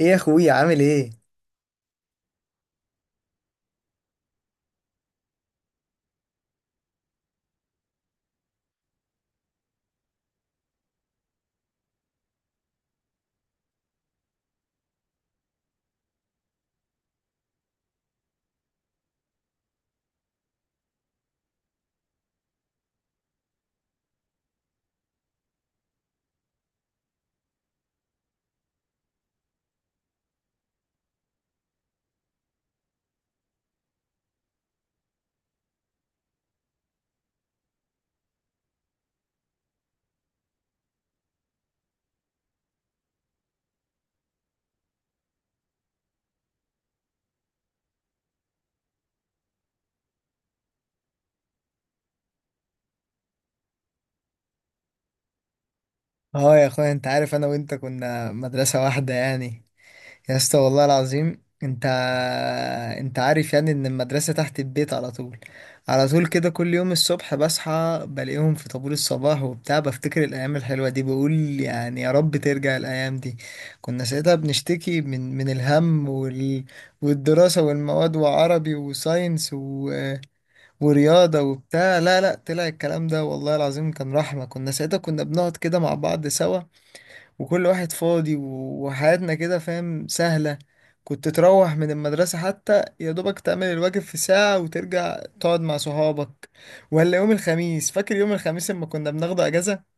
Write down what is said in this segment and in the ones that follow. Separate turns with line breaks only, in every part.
ايه يا اخويا، عامل ايه؟ اه يا اخويا، انت عارف انا وانت كنا مدرسة واحدة يعني. يا اسطى والله العظيم، انت عارف يعني ان المدرسة تحت البيت على طول. على طول كده كل يوم الصبح بصحى بلاقيهم في طابور الصباح وبتاع، بفتكر الايام الحلوة دي بقول يعني يا رب ترجع الايام دي. كنا ساعتها بنشتكي من الهم والدراسة والمواد وعربي وساينس ورياضة وبتاع. لا لا، طلع الكلام ده والله العظيم كان رحمة. كنا ساعتها بنقعد كده مع بعض سوا، وكل واحد فاضي وحياتنا كده فاهم سهلة. كنت تروح من المدرسة حتى يا دوبك تعمل الواجب في ساعة وترجع تقعد مع صحابك. ولا يوم الخميس، فاكر يوم الخميس لما كنا بناخده أجازة؟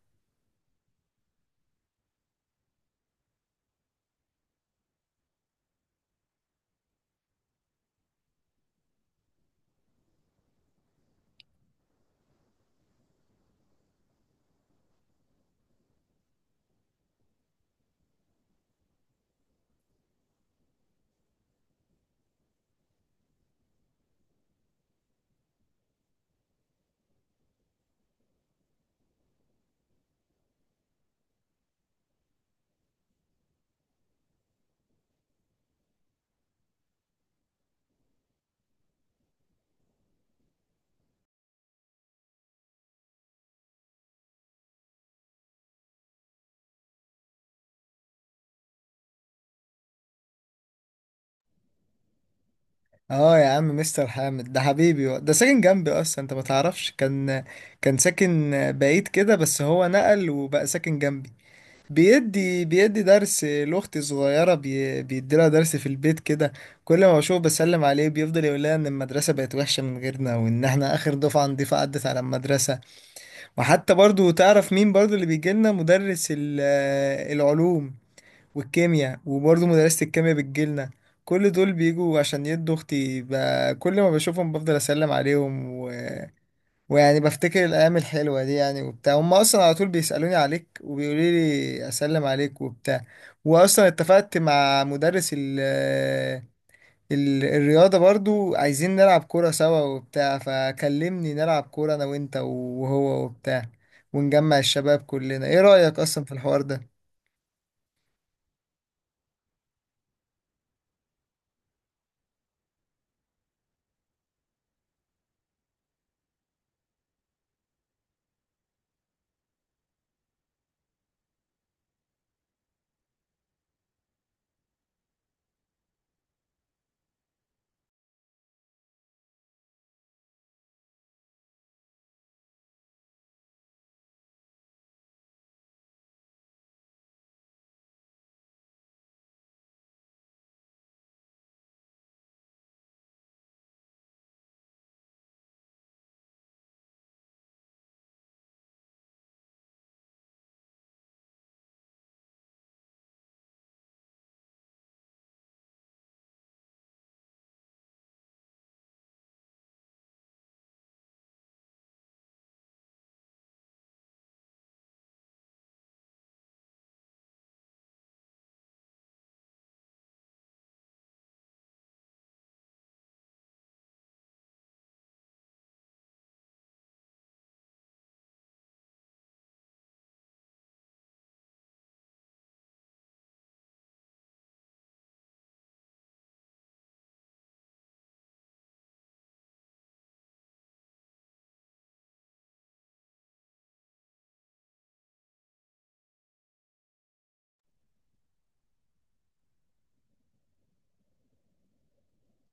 اه يا عم، مستر حامد ده حبيبي، ده ساكن جنبي اصلا، انت ما تعرفش. كان ساكن بعيد كده، بس هو نقل وبقى ساكن جنبي. بيدي درس لاختي الصغيره، بيدي لها درس في البيت كده. كل ما بشوفه بسلم عليه، بيفضل يقول لها ان المدرسه بقت وحشه من غيرنا، وان احنا اخر دفعه نضيفه عدت على المدرسه. وحتى برضو تعرف مين برضو اللي بيجي لنا؟ مدرس العلوم والكيمياء، وبرضو مدرسه الكيمياء بتجيلنا. كل دول بيجوا عشان يدوا اختي كل ما بشوفهم بفضل اسلم عليهم، ويعني بفتكر الأيام الحلوة دي يعني وبتاع. هم أصلا على طول بيسألوني عليك وبيقولوا لي أسلم عليك وبتاع. وأصلا اتفقت مع مدرس ال الرياضة، برضو عايزين نلعب كورة سوا وبتاع. فكلمني نلعب كورة أنا وأنت وهو وبتاع، ونجمع الشباب كلنا. إيه رأيك أصلا في الحوار ده؟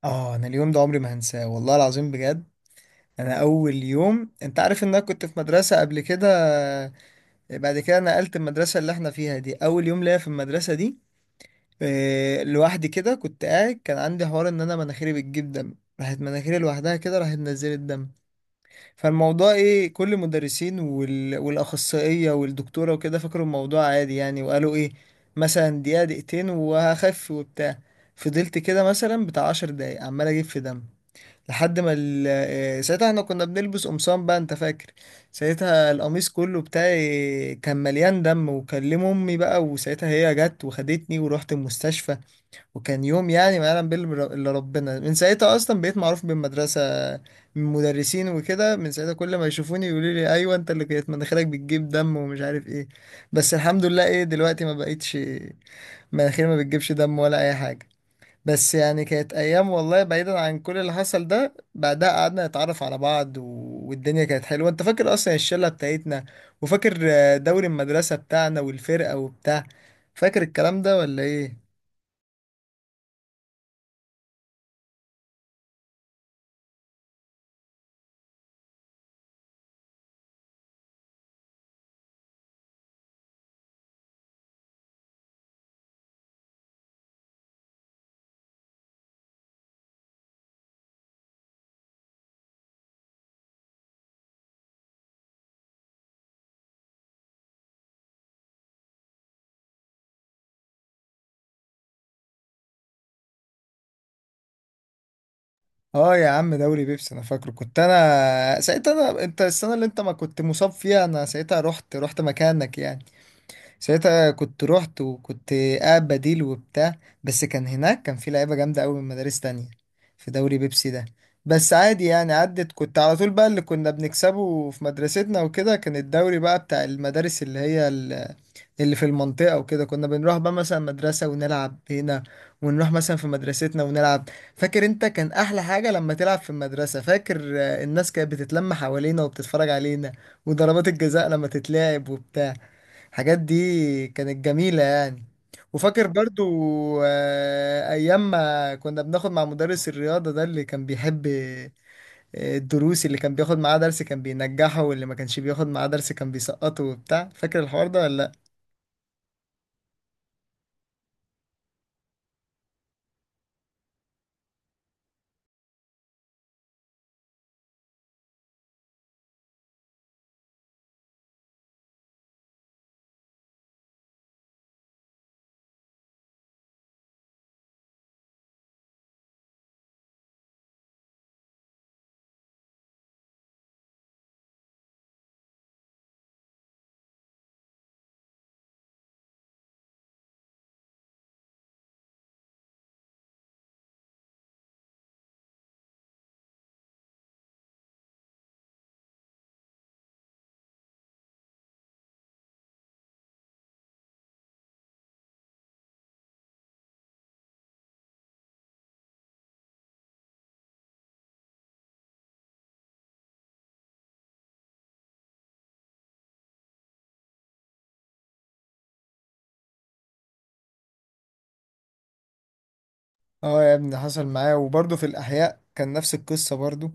أنا اليوم ده عمري ما هنساه والله العظيم بجد. أنا أول يوم، أنت عارف إن أنا كنت في مدرسة قبل كده، بعد كده نقلت المدرسة اللي احنا فيها دي. أول يوم ليا في المدرسة دي، لوحدي كده كنت قاعد. كان عندي حوار ان انا مناخيري بتجيب دم، راحت مناخيري لوحدها كده راحت نزلت دم. فالموضوع ايه، كل المدرسين والاخصائيه والدكتوره وكده فكروا الموضوع عادي يعني، وقالوا ايه مثلا دقيقه دقيقتين وهخف وبتاع. فضلت كده مثلا بتاع 10 دقايق عمال اجيب في دم، لحد ما ال... آه، ساعتها احنا كنا بنلبس قمصان بقى انت فاكر. ساعتها القميص كله بتاعي كان مليان دم، وكلم امي بقى، وساعتها هي جت وخدتني ورحت المستشفى. وكان يوم يعني ما يعلم الا ربنا. من ساعتها اصلا بقيت معروف بالمدرسه من مدرسين وكده. من ساعتها كل ما يشوفوني يقولوا لي ايوه انت اللي كانت مناخيرك بتجيب دم ومش عارف ايه. بس الحمد لله ايه دلوقتي ما بقيتش، مناخيري ما بتجيبش دم ولا اي حاجه. بس يعني كانت ايام والله. بعيدا عن كل اللي حصل ده، بعدها قعدنا نتعرف على بعض والدنيا كانت حلوه. انت فاكر اصلا الشله بتاعتنا، وفاكر دوري المدرسه بتاعنا والفرقه وبتاع؟ فاكر الكلام ده ولا ايه؟ اه يا عم، دوري بيبسي انا فاكره. كنت انا ساعتها، انت السنه اللي انت ما كنت مصاب فيها انا ساعتها رحت مكانك يعني. ساعتها كنت رحت، وكنت قاعد بديل وبتاع. بس كان هناك، في لعيبه جامده قوي من مدارس تانية في دوري بيبسي ده. بس عادي يعني عدت، كنت على طول بقى اللي كنا بنكسبه في مدرستنا وكده. كان الدوري بقى بتاع المدارس اللي في المنطقة وكده. كنا بنروح بقى مثلا مدرسة ونلعب هنا، ونروح مثلا في مدرستنا ونلعب. فاكر انت كان احلى حاجة لما تلعب في المدرسة؟ فاكر الناس كانت بتتلم حوالينا وبتتفرج علينا، وضربات الجزاء لما تتلعب وبتاع. الحاجات دي كانت جميلة يعني. وفاكر برضو ايام ما كنا بناخد مع مدرس الرياضة ده اللي كان بيحب الدروس؟ اللي كان بياخد معاه درس كان بينجحه، واللي ما كانش بياخد معاه درس كان بيسقطه وبتاع. فاكر الحوار ده ولا لأ؟ اه يا ابني حصل معايا. وبرضه في الأحياء كان نفس القصة برضه.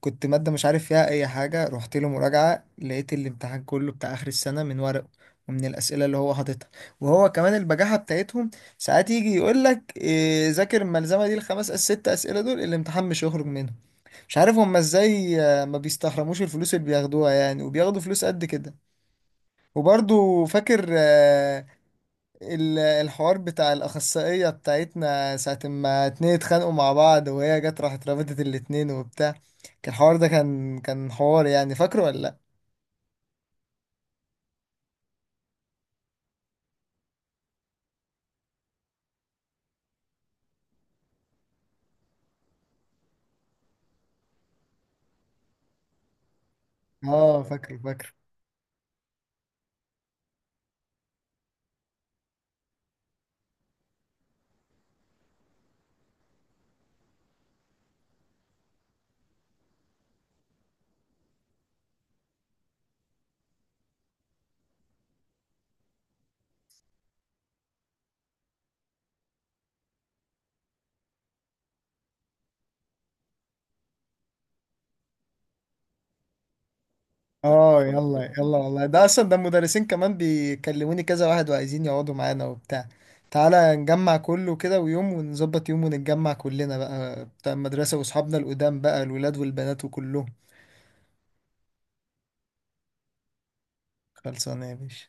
كنت مادة مش عارف فيها أي حاجة، رحت له مراجعة لقيت الامتحان كله بتاع آخر السنة من ورقه ومن الأسئلة اللي هو حاططها. وهو كمان البجاحة بتاعتهم، ساعات يجي يقول لك إيه ذاكر الملزمة دي، الخمس ست أسئلة دول الامتحان مش هيخرج منهم. مش عارف هما ازاي ما بيستحرموش الفلوس اللي بياخدوها يعني، وبياخدوا فلوس قد كده. وبرضه فاكر الحوار بتاع الأخصائية بتاعتنا ساعة ما اتنين اتخانقوا مع بعض وهي جت راحت رابطت الاتنين وبتاع؟ كان الحوار ده كان حوار يعني. فاكره ولا لأ؟ اه فاكره فاكره. اه يلا يلا والله. ده أصلا ده المدرسين كمان بيكلموني كذا واحد وعايزين يقعدوا معانا وبتاع. تعالى نجمع كله كده، ونظبط يوم ونتجمع كلنا بقى بتاع المدرسة وأصحابنا القدام بقى الولاد والبنات وكلهم. خلصانة يا باشا.